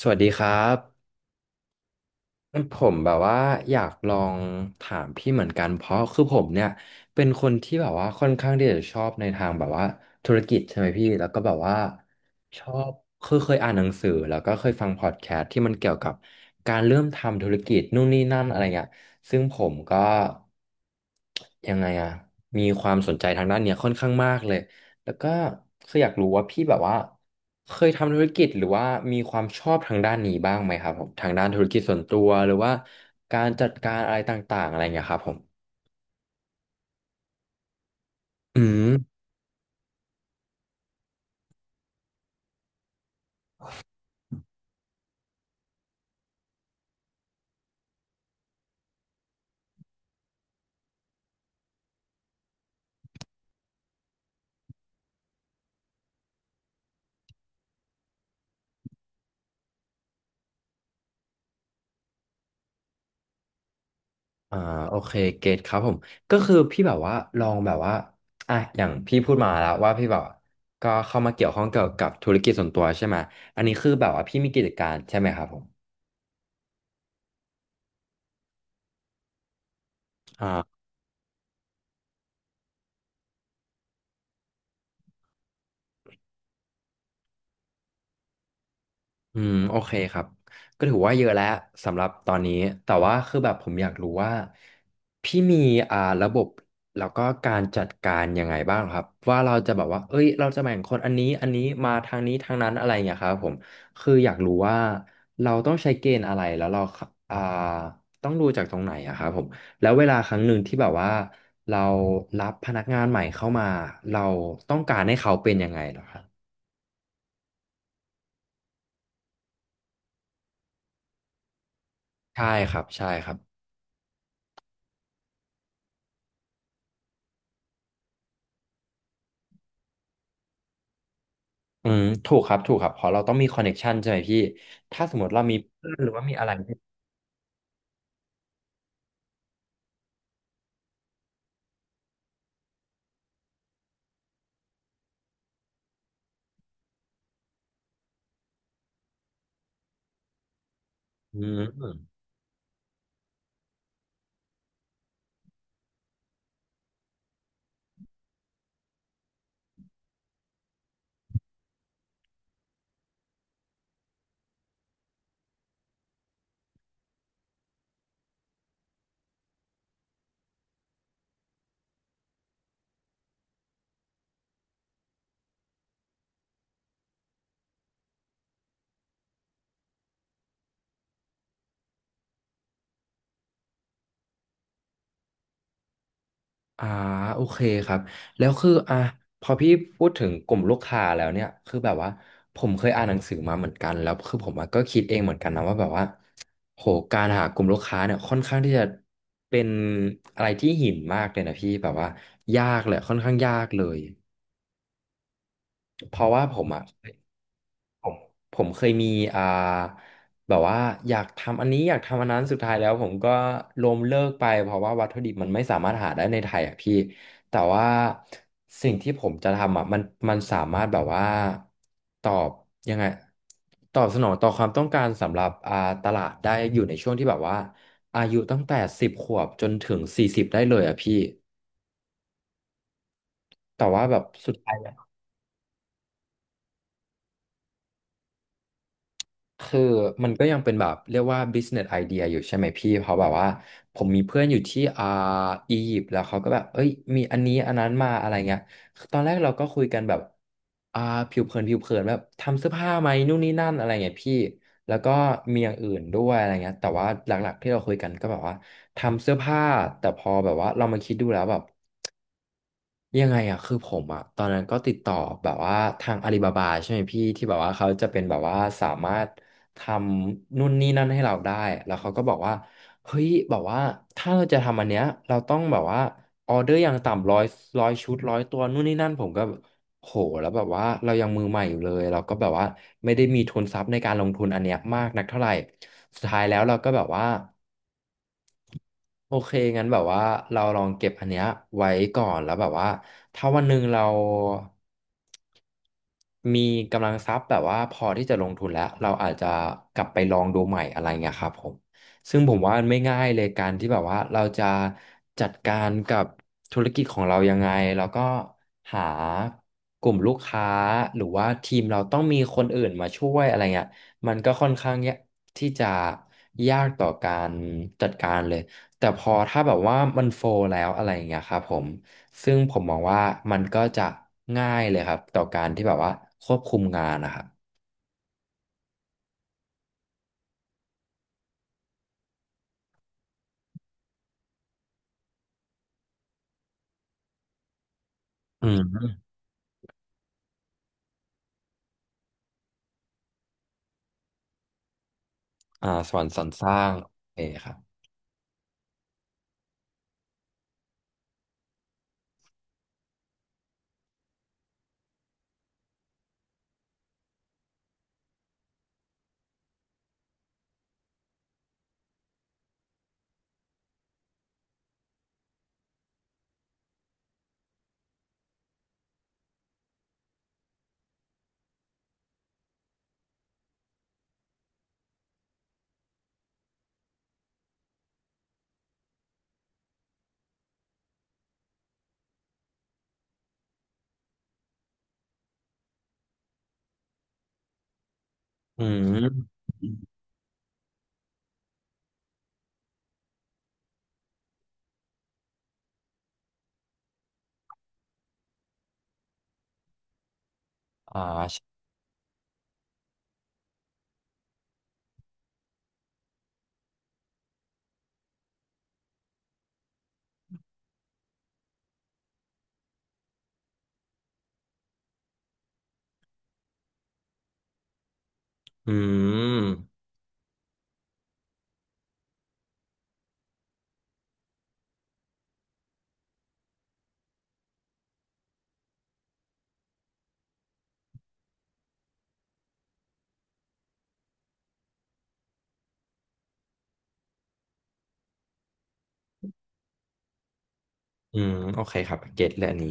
สวัสดีครับผมแบบว่าอยากลองถามพี่เหมือนกันเพราะคือผมเนี่ยเป็นคนที่แบบว่าค่อนข้างที่จะชอบในทางแบบว่าธุรกิจใช่ไหมพี่แล้วก็แบบว่าชอบคือเคยอ่านหนังสือแล้วก็เคยฟังพอดแคสต์ที่มันเกี่ยวกับการเริ่มทำธุรกิจนู่นนี่นั่นอะไรเงี้ยซึ่งผมก็ยังไงอะมีความสนใจทางด้านเนี้ยค่อนข้างมากเลย แล้วก็คืออยากรู้ว่าพี่แบบว่าเคยทำธุรกิจหรือว่ามีความชอบทางด้านนี้บ้างไหมครับผมทางด้านธุรกิจส่วนตัวหรือว่าการจัดการอะไรต่างๆอะไรอย่างเงี้ยครับผมอืมอ่าโอเคเกตครับผมก็คือพี่แบบว่าลองแบบว่าอ่ะอย่างพี่พูดมาแล้วว่าพี่แบบก็เข้ามาเกี่ยวข้องเกี่ยวกับธุรกิจส่วนตัวใช่ไหมอันนี้คือแบบว่าพี่มีกิจการใช่ไหมครับผมอ่า อืมโอเคครับก็ถือว่าเยอะแล้วสำหรับตอนนี้แต่ว่าคือแบบผมอยากรู้ว่าพี่มีระบบแล้วก็การจัดการยังไงบ้างครับว่าเราจะแบบว่าเอ้ยเราจะแบ่งคนอันนี้อันนี้มาทางนี้ทางนั้นอะไรอย่างเงี้ยครับผมคืออยากรู้ว่าเราต้องใช้เกณฑ์อะไรแล้วเราอ่าต้องดูจากตรงไหนอะครับผมแล้วเวลาครั้งหนึ่งที่แบบว่าเรารับพนักงานใหม่เข้ามาเราต้องการให้เขาเป็นยังไงเหรอครับใช่ครับใช่ครับ อืมถูกครับถูกครับเพราะเราต้องมีคอนเน็กชันใช่ไหมพี่ถ้าสมมติเรามีเพื่อนหรือว่ามีอะไรที่อืมอ่าโอเคครับแล้วคืออ่ะพอพี่พูดถึงกลุ่มลูกค้าแล้วเนี่ยคือแบบว่าผมเคยอ่านหนังสือมาเหมือนกันแล้วคือผมอะก็คิดเองเหมือนกันนะว่าแบบว่าโหการหากลุ่มลูกค้าเนี่ยค่อนข้างที่จะเป็นอะไรที่หินมากเลยนะพี่แบบว่ายากเลยค่อนข้างยากเลยเพราะว่าผมอ่ะ ผมเคยมีอ่าแบบว่าอยากทำอันนี้อยากทำอันนั้นสุดท้ายแล้วผมก็ล้มเลิกไปเพราะว่าวัตถุดิบมันไม่สามารถหาได้ในไทยอ่ะพี่แต่ว่าสิ่งที่ผมจะทำอ่ะมันสามารถแบบว่าตอบยังไงตอบสนองต่อความต้องการสำหรับตลาดได้อยู่ในช่วงที่แบบว่าอายุตั้งแต่สิบขวบจนถึงสี่สิบได้เลยอ่ะพี่แต่ว่าแบบสุดท้าย คือมันก็ยังเป็นแบบเรียกว่า business idea อยู่ใช่ไหมพี่เพราะแบบว่าผมมีเพื่อนอยู่ที่อียิปต์แล้วเขาก็แบบเอ้ยมีอันนี้อันนั้นมาอะไรเงี้ยตอนแรกเราก็คุยกันแบบอ่าผิวเผินแบบทำเสื้อผ้าไหมนู่นนี่นั่นอะไรเงี้ยพี่แล้วก็มีอย่างอื่นด้วยอะไรเงี้ยแต่ว่าหลักๆที่เราคุยกันก็แบบว่าทำเสื้อผ้าแต่พอแบบว่าเรามาคิดดูแล้วแบบ ยังไงอ่ะคือผมอ่ะตอนนั้นก็ติดต่อแบบว่าทางอาลีบาบาใช่ไหมพี่ที่แบบว่าเขาจะเป็นแบบว่าสามารถทำนู่นนี่นั่นให้เราได้แล้วเขาก็บอกว่าเฮ้ยแบบว่าถ้าเราจะทำอันเนี้ยเราต้องแบบว่าออเดอร์อย่างต่ำร้อยร้อยชุดร้อยตัวนู่นนี่นั่นผมก็โหแล้วแบบว่าเรายังมือใหม่อยู่เลยเราก็แบบว่าไม่ได้มีทุนทรัพย์ในการลงทุนอันเนี้ยมากนักเท่าไหร่สุดท้ายแล้วเราก็แบบว่า โอเคงั้นแบบว่าเราลองเก็บอันเนี้ยไว้ก่อนแล้วแบบว่าถ้าวันหนึ่งเรามีกำลังทรัพย์แบบว่าพอที่จะลงทุนแล้ว เราอาจจะกลับไปลองดูใหม่อะไรเงี้ยครับผมซึ่งผมว่ามันไม่ง่ายเลยการที่แบบว่าเราจะจัดการกับธุรกิจของเรายังไงแล้วก็หากลุ่มลูกค้าหรือว่าทีมเราต้องมีคนอื่นมาช่วยอะไรเงี้ยมันก็ค่อนข้างยากที่จะยากต่อการจัดการเลย แต่พอถ้าแบบว่ามันโฟลแล้วอะไรอย่างเงี้ยครับผมซึ่งผมมองว่ามันก็จะง่ายเลยครับต่อการที่แบบว่าควบคุมงานนะครับอืมสวรรค์สรรสร้างโอเคครับอืมอ่าอืมอืมโอเคครับเก็ตเลยอันนี้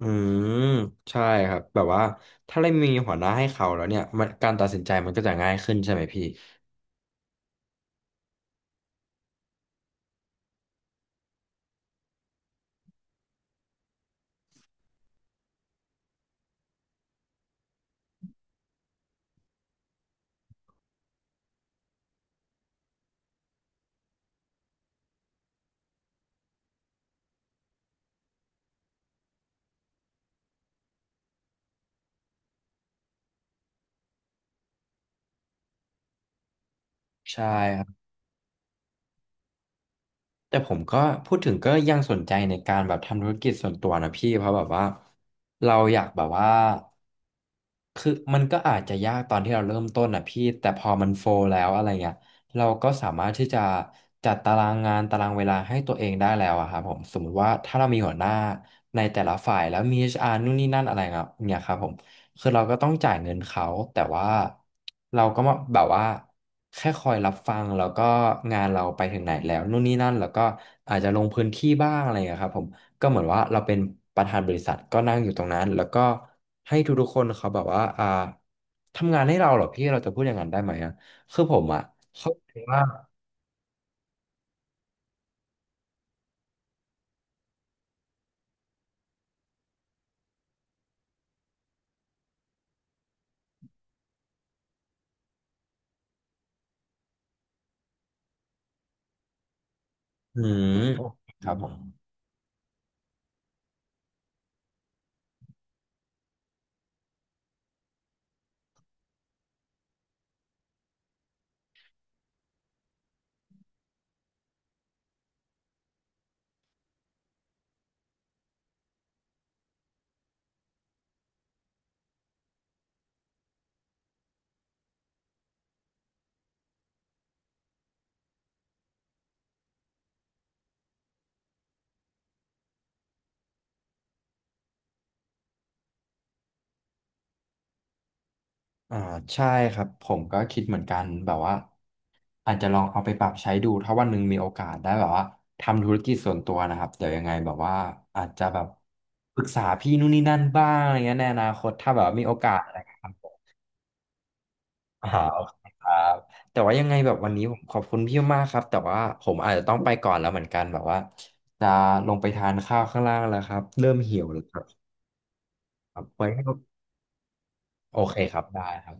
อืมใช่ครับแบบว่าถ้าเรามีหัวหน้าให้เขาแล้วเนี่ยมันการตัดสินใจมันก็จะง่ายขึ้นใช่ไหมพี่ใช่ แต่ผมก็พูดถึงก็ยังสนใจในการแบบทำธุรกิจส่วนตัวนะพี่เพราะแบบว่าเราอยากแบบว่า คือมันก็อาจจะยากตอนที่เราเริ่มต้นอ่ะพี่แต่พอมันโฟลแล้วอะไรเงี้ยเราก็สามารถที่จะจัดตารางงานตารางเวลาให้ตัวเองได้แล้วอะครับผมสมมุติว่าถ้าเรามีหัวหน้าในแต่ละฝ่ายแล้วมี HR นู่นนี่นั่นอะไรเงี้ยเนี่ยครับผมคือเราก็ต้องจ่ายเงินเขาแต่ว่าเราก็มาแบบว่าแค่คอยรับฟังแล้วก็งานเราไปถึงไหนแล้วนู่นนี่นั่นแล้วก็อาจจะลงพื้นที่บ้างอะไรเงี้ยครับผม ก็เหมือนว่าเราเป็นประธานบริษัทก็นั่งอยู่ตรงนั้นแล้วก็ให้ทุกๆคนเขาแบบว่าทำงานให้เราเหรอพี่เราจะพูดอย่างนั้นได้ไหมอ่ะคือผมอ่ะเข้าใจว่าอืมโอเคครับผมอ่าใช่ครับผมก็คิดเหมือนกันแบบว่าอาจจะลองเอาไปปรับใช้ดูถ้าวันหนึ่งมีโอกาสได้แบบว่าทำธุรกิจส่วนตัวนะครับเดี๋ยวยังไงแบบว่าอาจจะแบบปรึกษาพี่นู่นนี่นั่นบ้างอะไรเงี้ยในอนาคตถ้าแบบว่ามีโอกาสอะไรครับ อ่าโอเคครับแต่ว่ายังไงแบบวันนี้ผมขอบคุณพี่มากครับ แต่ว่าผมอาจจะต้องไปก่อนแล้วเหมือนกันแบบว่าจะลงไปทานข้าวข้างล่างแล้วครับ เริ่มหิวแล้วครับครับไว้ให้โอเคครับ ได้ครับ